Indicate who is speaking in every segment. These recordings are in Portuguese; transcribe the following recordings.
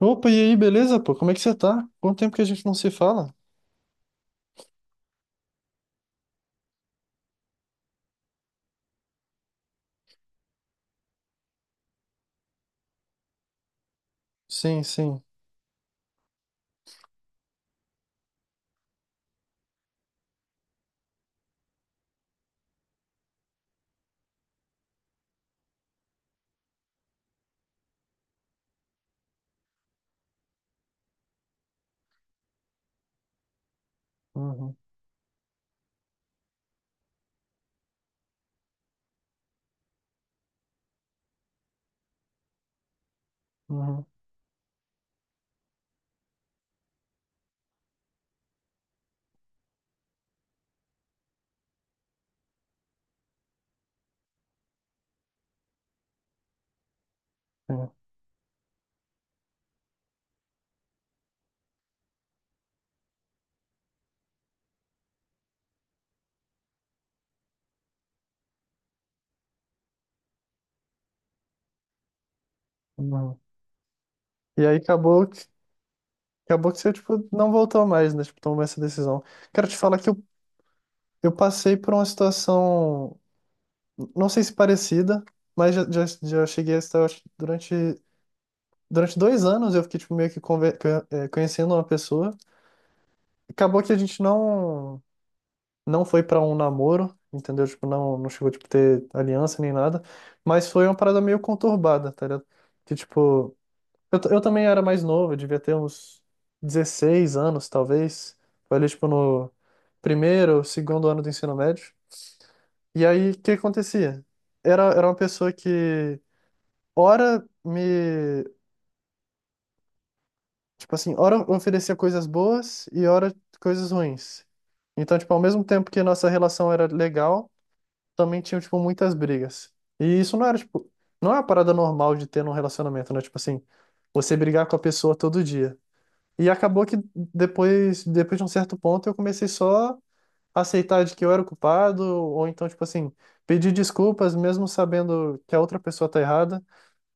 Speaker 1: Opa, e aí, beleza, pô? Como é que você tá? Quanto tempo que a gente não se fala? Sim, sim. Uhum, uhum, sim, uhum. E aí acabou que você, tipo, não voltou mais, né? Tipo, tomou essa decisão. Quero te falar que eu passei por uma situação, não sei se parecida, mas já cheguei a estar, eu acho, durante 2 anos eu fiquei, tipo, meio que conhecendo uma pessoa. Acabou que a gente não foi pra um namoro, entendeu? Tipo, não chegou, tipo, ter aliança nem nada, mas foi uma parada meio conturbada, tá ligado? Que, tipo, eu também era mais novo, eu devia ter uns 16 anos, talvez, foi ali, tipo, no primeiro ou segundo ano do ensino médio, e aí, o que acontecia? Era uma pessoa que, ora, me... tipo assim, ora oferecia coisas boas e ora coisas ruins. Então, tipo, ao mesmo tempo que nossa relação era legal, também tinham, tipo, muitas brigas. E isso não era, tipo, não é uma parada normal de ter num relacionamento, né? Tipo assim, você brigar com a pessoa todo dia. E acabou que depois de um certo ponto, eu comecei só a aceitar de que eu era o culpado, ou então, tipo assim, pedir desculpas, mesmo sabendo que a outra pessoa tá errada.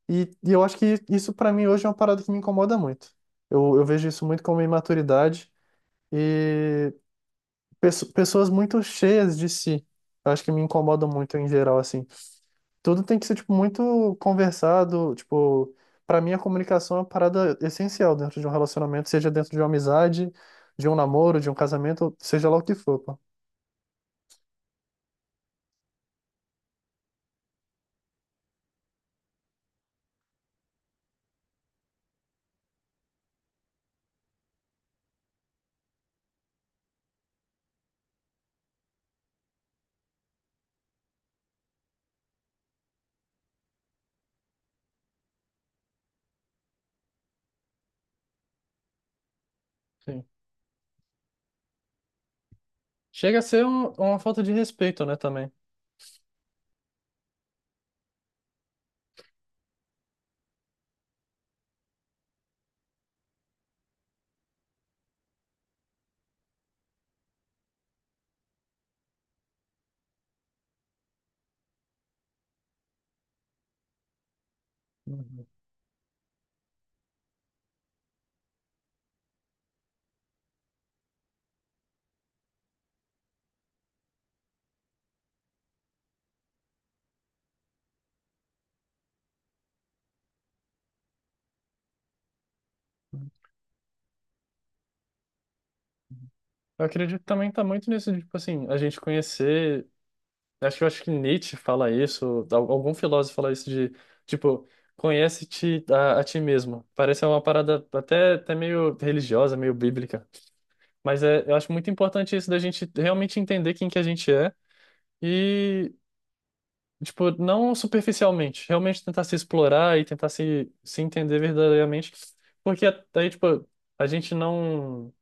Speaker 1: E eu acho que isso, pra mim, hoje é uma parada que me incomoda muito. Eu vejo isso muito como imaturidade e pessoas muito cheias de si. Eu acho que me incomodam muito em geral, assim tudo tem que ser, tipo, muito conversado, tipo, para mim a comunicação é uma parada essencial dentro de um relacionamento, seja dentro de uma amizade, de um namoro, de um casamento, seja lá o que for, pô. Sim. Chega a ser uma falta de respeito, né, também. Uhum. Eu acredito que também tá muito nisso, de, tipo assim, a gente conhecer. Acho que eu acho que Nietzsche fala isso, algum filósofo fala isso de, tipo, conhece-te a ti mesmo. Parece uma parada até meio religiosa, meio bíblica. Mas é, eu acho muito importante isso da gente realmente entender quem que a gente é e, tipo, não superficialmente, realmente tentar se explorar e tentar se entender verdadeiramente, porque aí, tipo, a gente não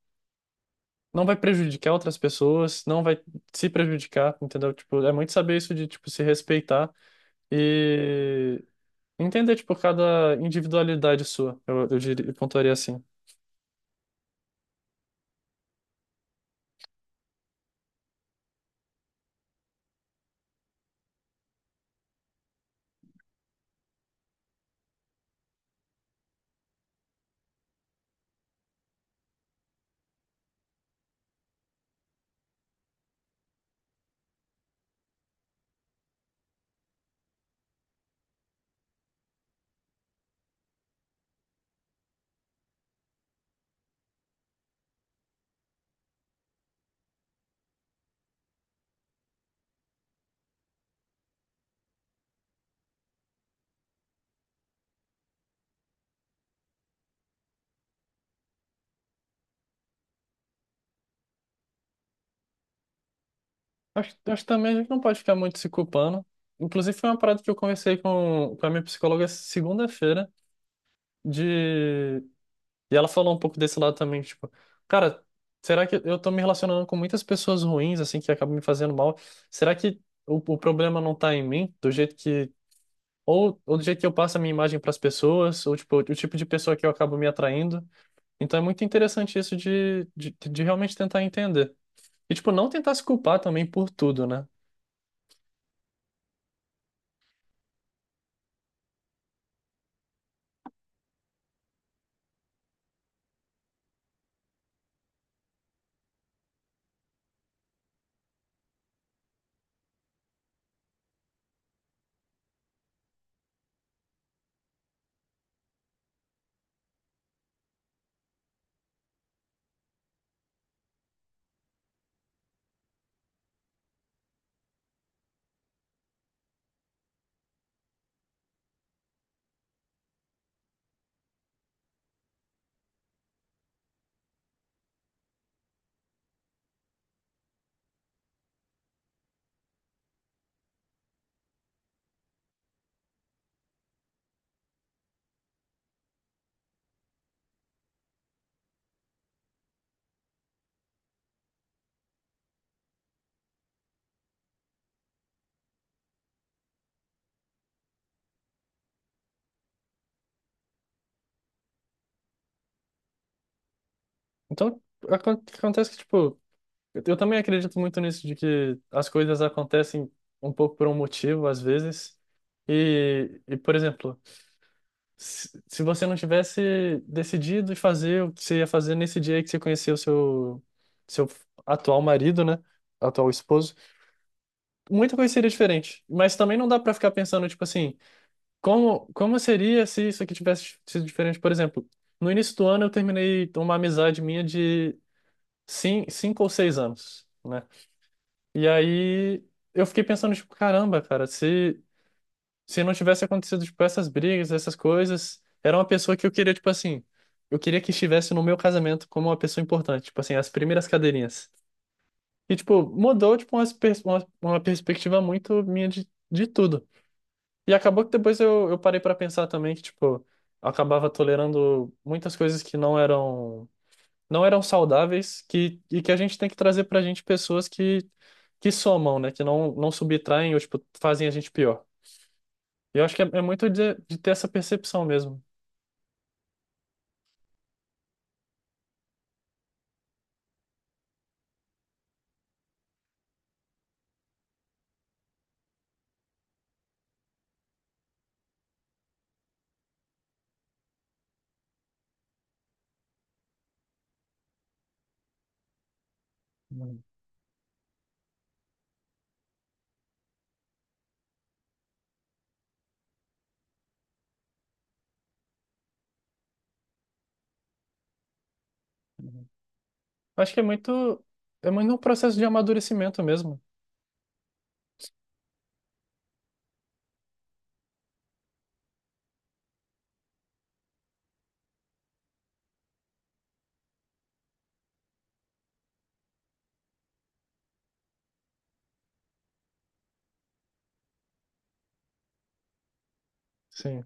Speaker 1: não vai prejudicar outras pessoas, não vai se prejudicar, entendeu? Tipo, é muito saber isso de, tipo, se respeitar e entender, tipo, cada individualidade sua, eu diria, eu pontuaria assim. Acho que também a gente não pode ficar muito se culpando. Inclusive, foi uma parada que eu conversei com a minha psicóloga segunda-feira, de... e ela falou um pouco desse lado também, tipo, cara, será que eu tô me relacionando com muitas pessoas ruins, assim, que acabam me fazendo mal? Será que o problema não tá em mim, do jeito que... Ou do jeito que eu passo a minha imagem pras pessoas, ou, tipo, o tipo de pessoa que eu acabo me atraindo? Então, é muito interessante isso de realmente tentar entender. E, tipo, não tentar se culpar também por tudo, né? Então, acontece que, tipo, eu também acredito muito nisso, de que as coisas acontecem um pouco por um motivo, às vezes. E por exemplo, se você não tivesse decidido fazer o que você ia fazer nesse dia aí que você conheceu seu atual marido, né? Atual esposo, muita coisa seria diferente. Mas também não dá pra ficar pensando, tipo assim, como seria se isso aqui tivesse sido diferente? Por exemplo, no início do ano eu terminei uma amizade minha de sim 5 ou 6 anos, né? E aí eu fiquei pensando, tipo, caramba, cara, se não tivesse acontecido, tipo, essas brigas, essas coisas, era uma pessoa que eu queria, tipo assim, eu queria que estivesse no meu casamento como uma pessoa importante, tipo assim, as primeiras cadeirinhas. E, tipo, mudou, tipo, uma perspectiva muito minha de tudo. E acabou que depois eu parei pra pensar também que, tipo, eu acabava tolerando muitas coisas que não eram saudáveis que, e que a gente tem que trazer pra gente pessoas que, somam, né? Que não subtraem ou, tipo, fazem a gente pior. E eu acho que é muito de ter essa percepção mesmo. Uhum. Acho que é muito um processo de amadurecimento mesmo. Sim.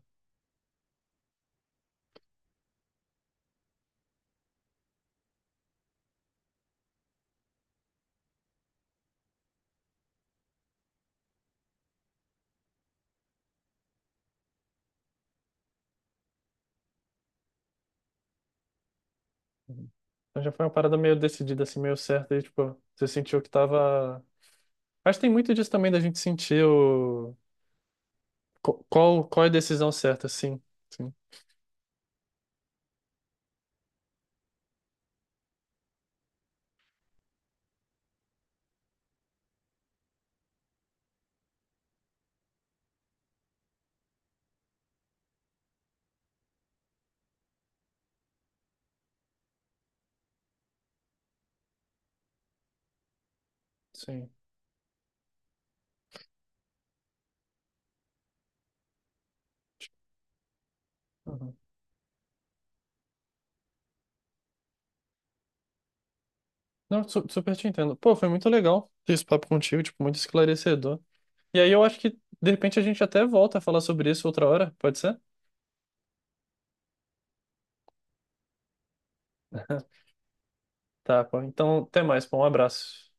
Speaker 1: Então já foi uma parada meio decidida, assim, meio certa. E, tipo, você sentiu que tava... Acho que tem muito disso também da gente sentir qual é a decisão certa, sim. Sim. Sim. Uhum. Não, super te entendo. Pô, foi muito legal ter esse papo contigo, tipo, muito esclarecedor. E aí eu acho que, de repente, a gente até volta a falar sobre isso outra hora, pode ser? Tá, pô. Então, até mais, pô. Um abraço.